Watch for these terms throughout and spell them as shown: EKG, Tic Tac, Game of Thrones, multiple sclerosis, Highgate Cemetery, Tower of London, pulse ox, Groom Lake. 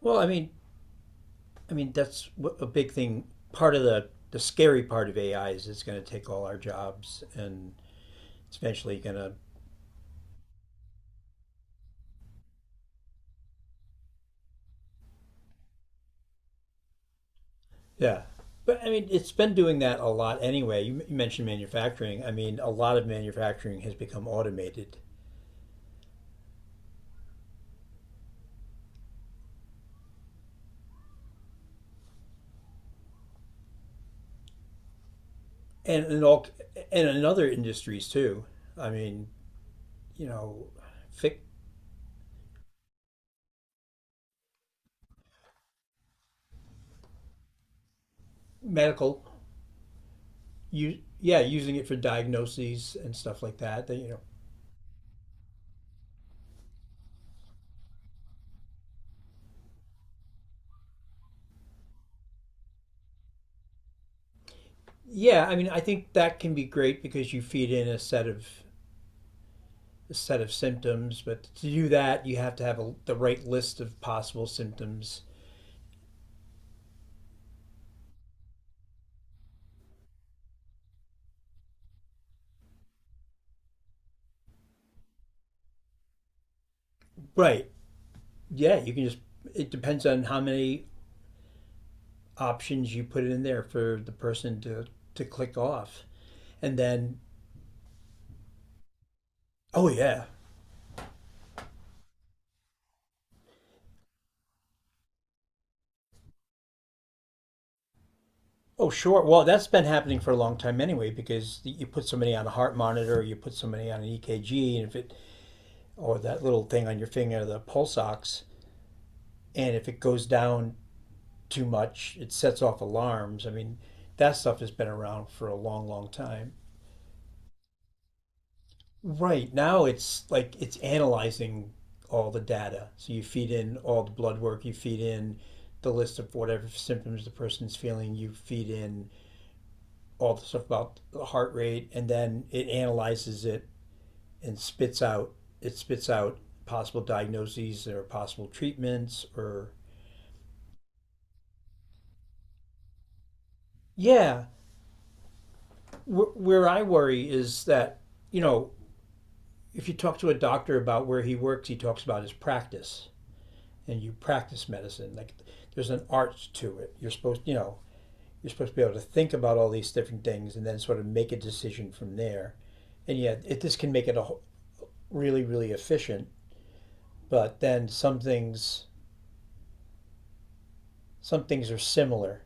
Well, I mean that's a big thing. Part of the scary part of AI is it's going to take all our jobs, and it's eventually going to yeah. But I mean, it's been doing that a lot anyway. You mentioned manufacturing. I mean, a lot of manufacturing has become automated, and in all and in other industries too. I mean, you know, fic, medical, you yeah, using it for diagnoses and stuff like that. Yeah. I mean, I think that can be great because you feed in a set of symptoms, but to do that, you have to have the right list of possible symptoms. Right. Yeah, it depends on how many options you put in there for to click off. And then, oh, yeah. Oh, sure. Well, that's been happening for a long time anyway, because you put somebody on a heart monitor, or you put somebody on an EKG, and if it, or that little thing on your finger, the pulse ox, and if it goes down too much. It sets off alarms. I mean, that stuff has been around for a long, long time. Right now, it's like it's analyzing all the data. So you feed in all the blood work, you feed in the list of whatever symptoms the person's feeling, you feed in all the stuff about the heart rate, and then it analyzes it and spits out it spits out possible diagnoses or possible treatments or yeah where I worry is that you know if you talk to a doctor about where he works, he talks about his practice, and you practice medicine. Like there's an art to it. You're supposed to be able to think about all these different things and then sort of make a decision from there. And yet, this can make it a whole, really, really efficient. But then some things are similar.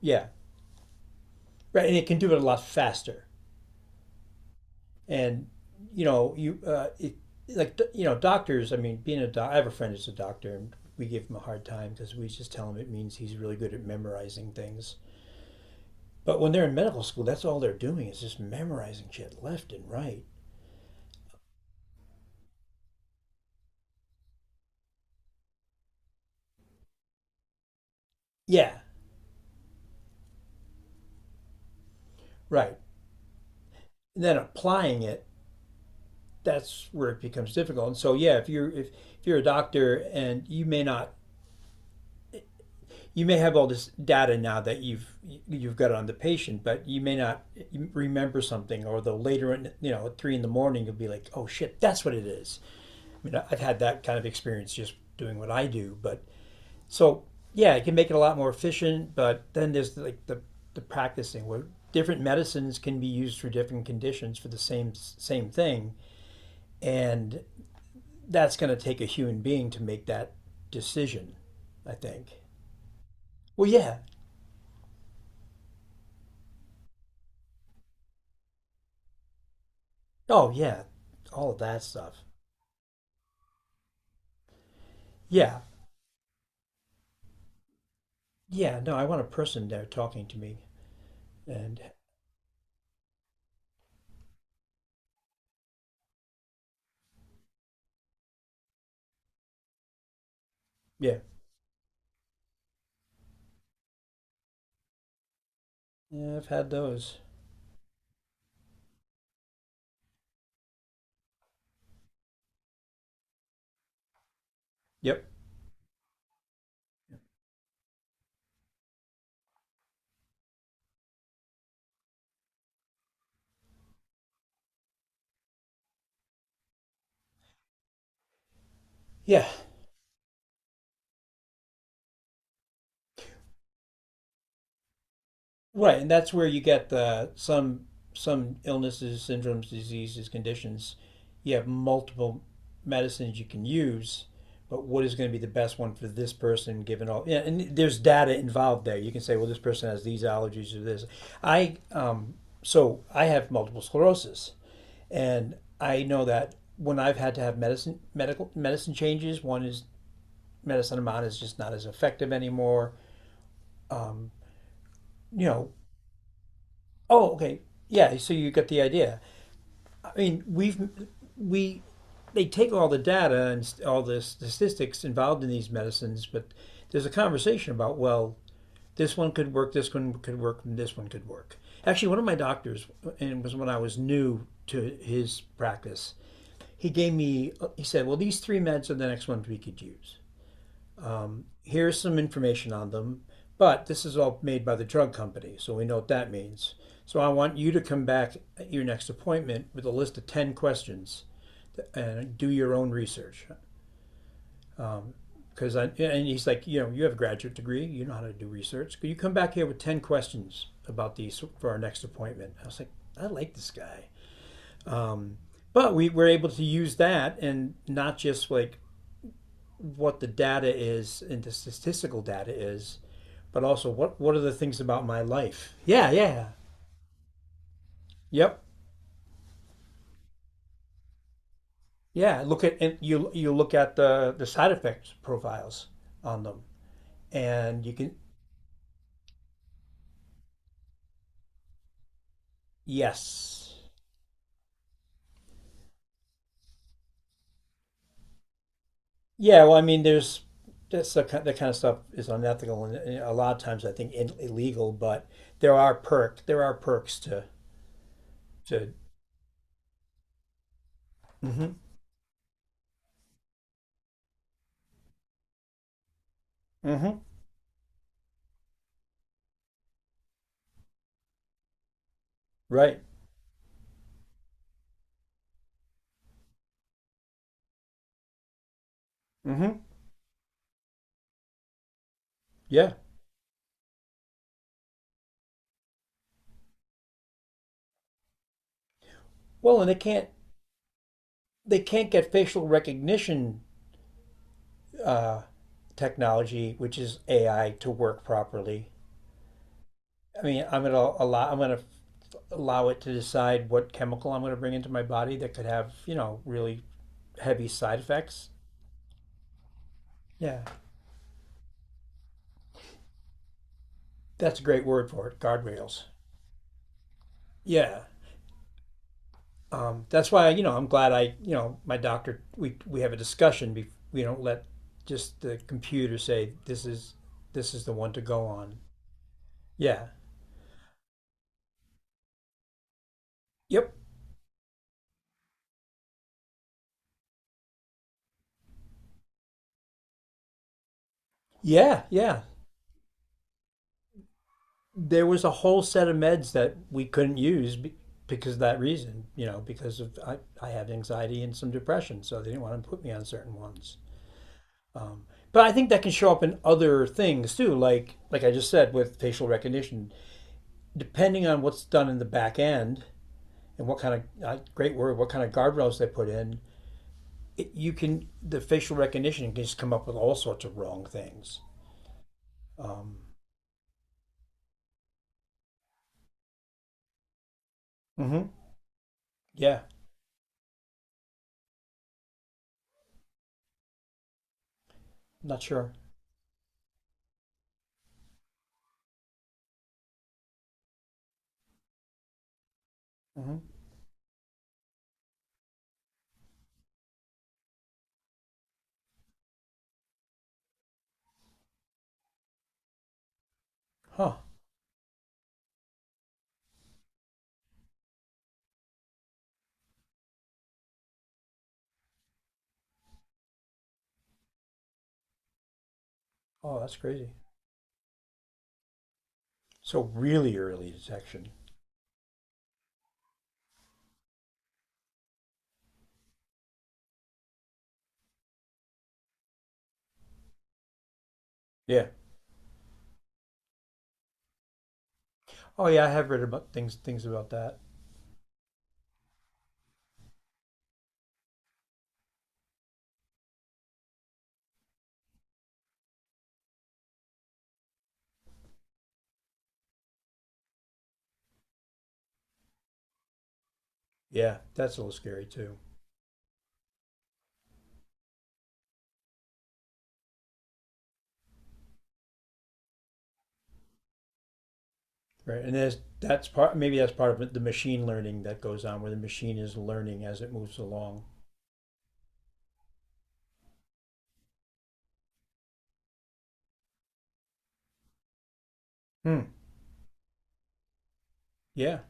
Yeah, right. And it can do it a lot faster. And you know you it, like doctors. I mean, I have a friend who's a doctor, and we give him a hard time because we just tell him it means he's really good at memorizing things. But when they're in medical school, that's all they're doing is just memorizing shit left and right. Yeah, right. And then applying it, that's where it becomes difficult. And so yeah, if you're a doctor and you may not you may have all this data now that you've got on the patient, but you may not remember something, or the later in at 3 in the morning you'll be like, oh shit, that's what it is. I mean, I've had that kind of experience just doing what I do, but so yeah, it can make it a lot more efficient. But then there's like the practicing where different medicines can be used for different conditions for the same thing, and that's going to take a human being to make that decision, I think. Well, yeah, oh, yeah, all of that stuff. Yeah, yeah, no, I want a person there talking to me. And yeah, yeah I've had those. Yep. Yeah, right, and that's where you get the some illnesses, syndromes, diseases, conditions. You have multiple medicines you can use, but what is going to be the best one for this person given all? Yeah, and there's data involved there. You can say, well, this person has these allergies or this. I so I have multiple sclerosis, and I know that when I've had to have medicine changes, one is medicine I'm on is just not as effective anymore. You know, oh okay, yeah. So you get the idea. I mean, we've we they take all the data and all the statistics involved in these medicines, but there's a conversation about well, this one could work, this one could work, and this one could work. Actually, one of my doctors, and it was when I was new to his practice, he gave me he said, well, these three meds are the next ones we could use. Here's some information on them, but this is all made by the drug company, so we know what that means. So I want you to come back at your next appointment with a list of 10 questions and do your own research. Because I yeah, and he's like, you know, you have a graduate degree, you know how to do research. Could you come back here with 10 questions about these for our next appointment? I was like, I like this guy. But we were able to use that and not just like what the data is and the statistical data is, but also what are the things about my life? Yeah, yeah, yep, yeah. Look at and you look at the side effects profiles on them, and you can yes, yeah, well, I mean, there's that's that kind of stuff is unethical and a lot of times I think in, illegal, but there are perks to mm hmm mm hmm right mm hmm yeah. Well, and they can't get facial recognition uh, technology, which is AI, to work properly. I mean, I'm gonna allow it to decide what chemical I'm gonna bring into my body that could have really heavy side effects. Yeah. That's a great word for it. Guardrails. Yeah. That's why I'm glad I you know my doctor we have a discussion. We don't let just the computer say this is the one to go on. Yeah. Yep. Yeah. Yeah. There was a whole set of meds that we couldn't use because of that reason. You know, because of I had anxiety and some depression, so they didn't want to put me on certain ones. Um, but I think that can show up in other things too, like I just said with facial recognition depending on what's done in the back end and what kind of great word, what kind of guardrails they put in, you can the facial recognition can just come up with all sorts of wrong things. Um, mm-hmm. Yeah, not sure. Mm-hmm. Huh. Oh, that's crazy. So really early detection. Yeah. Oh yeah, I have read about things about that. Yeah, that's a little scary too. Right. And there's that's part maybe that's part of the machine learning that goes on where the machine is learning as it moves along. Hmm. Yeah.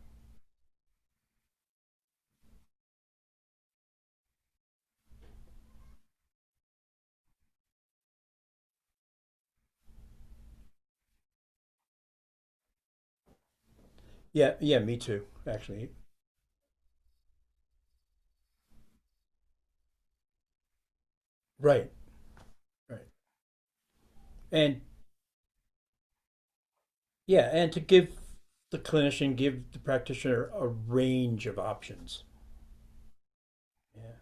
Yeah, yeah, me too, actually. Right, right. And yeah, and to give give the practitioner a range of options. Yeah.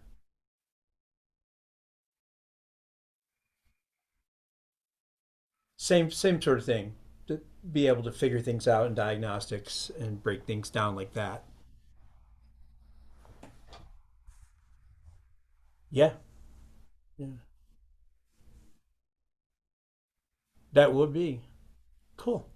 Same sort of thing. To be able to figure things out in diagnostics and break things down like that. Yeah. Yeah. That would be cool.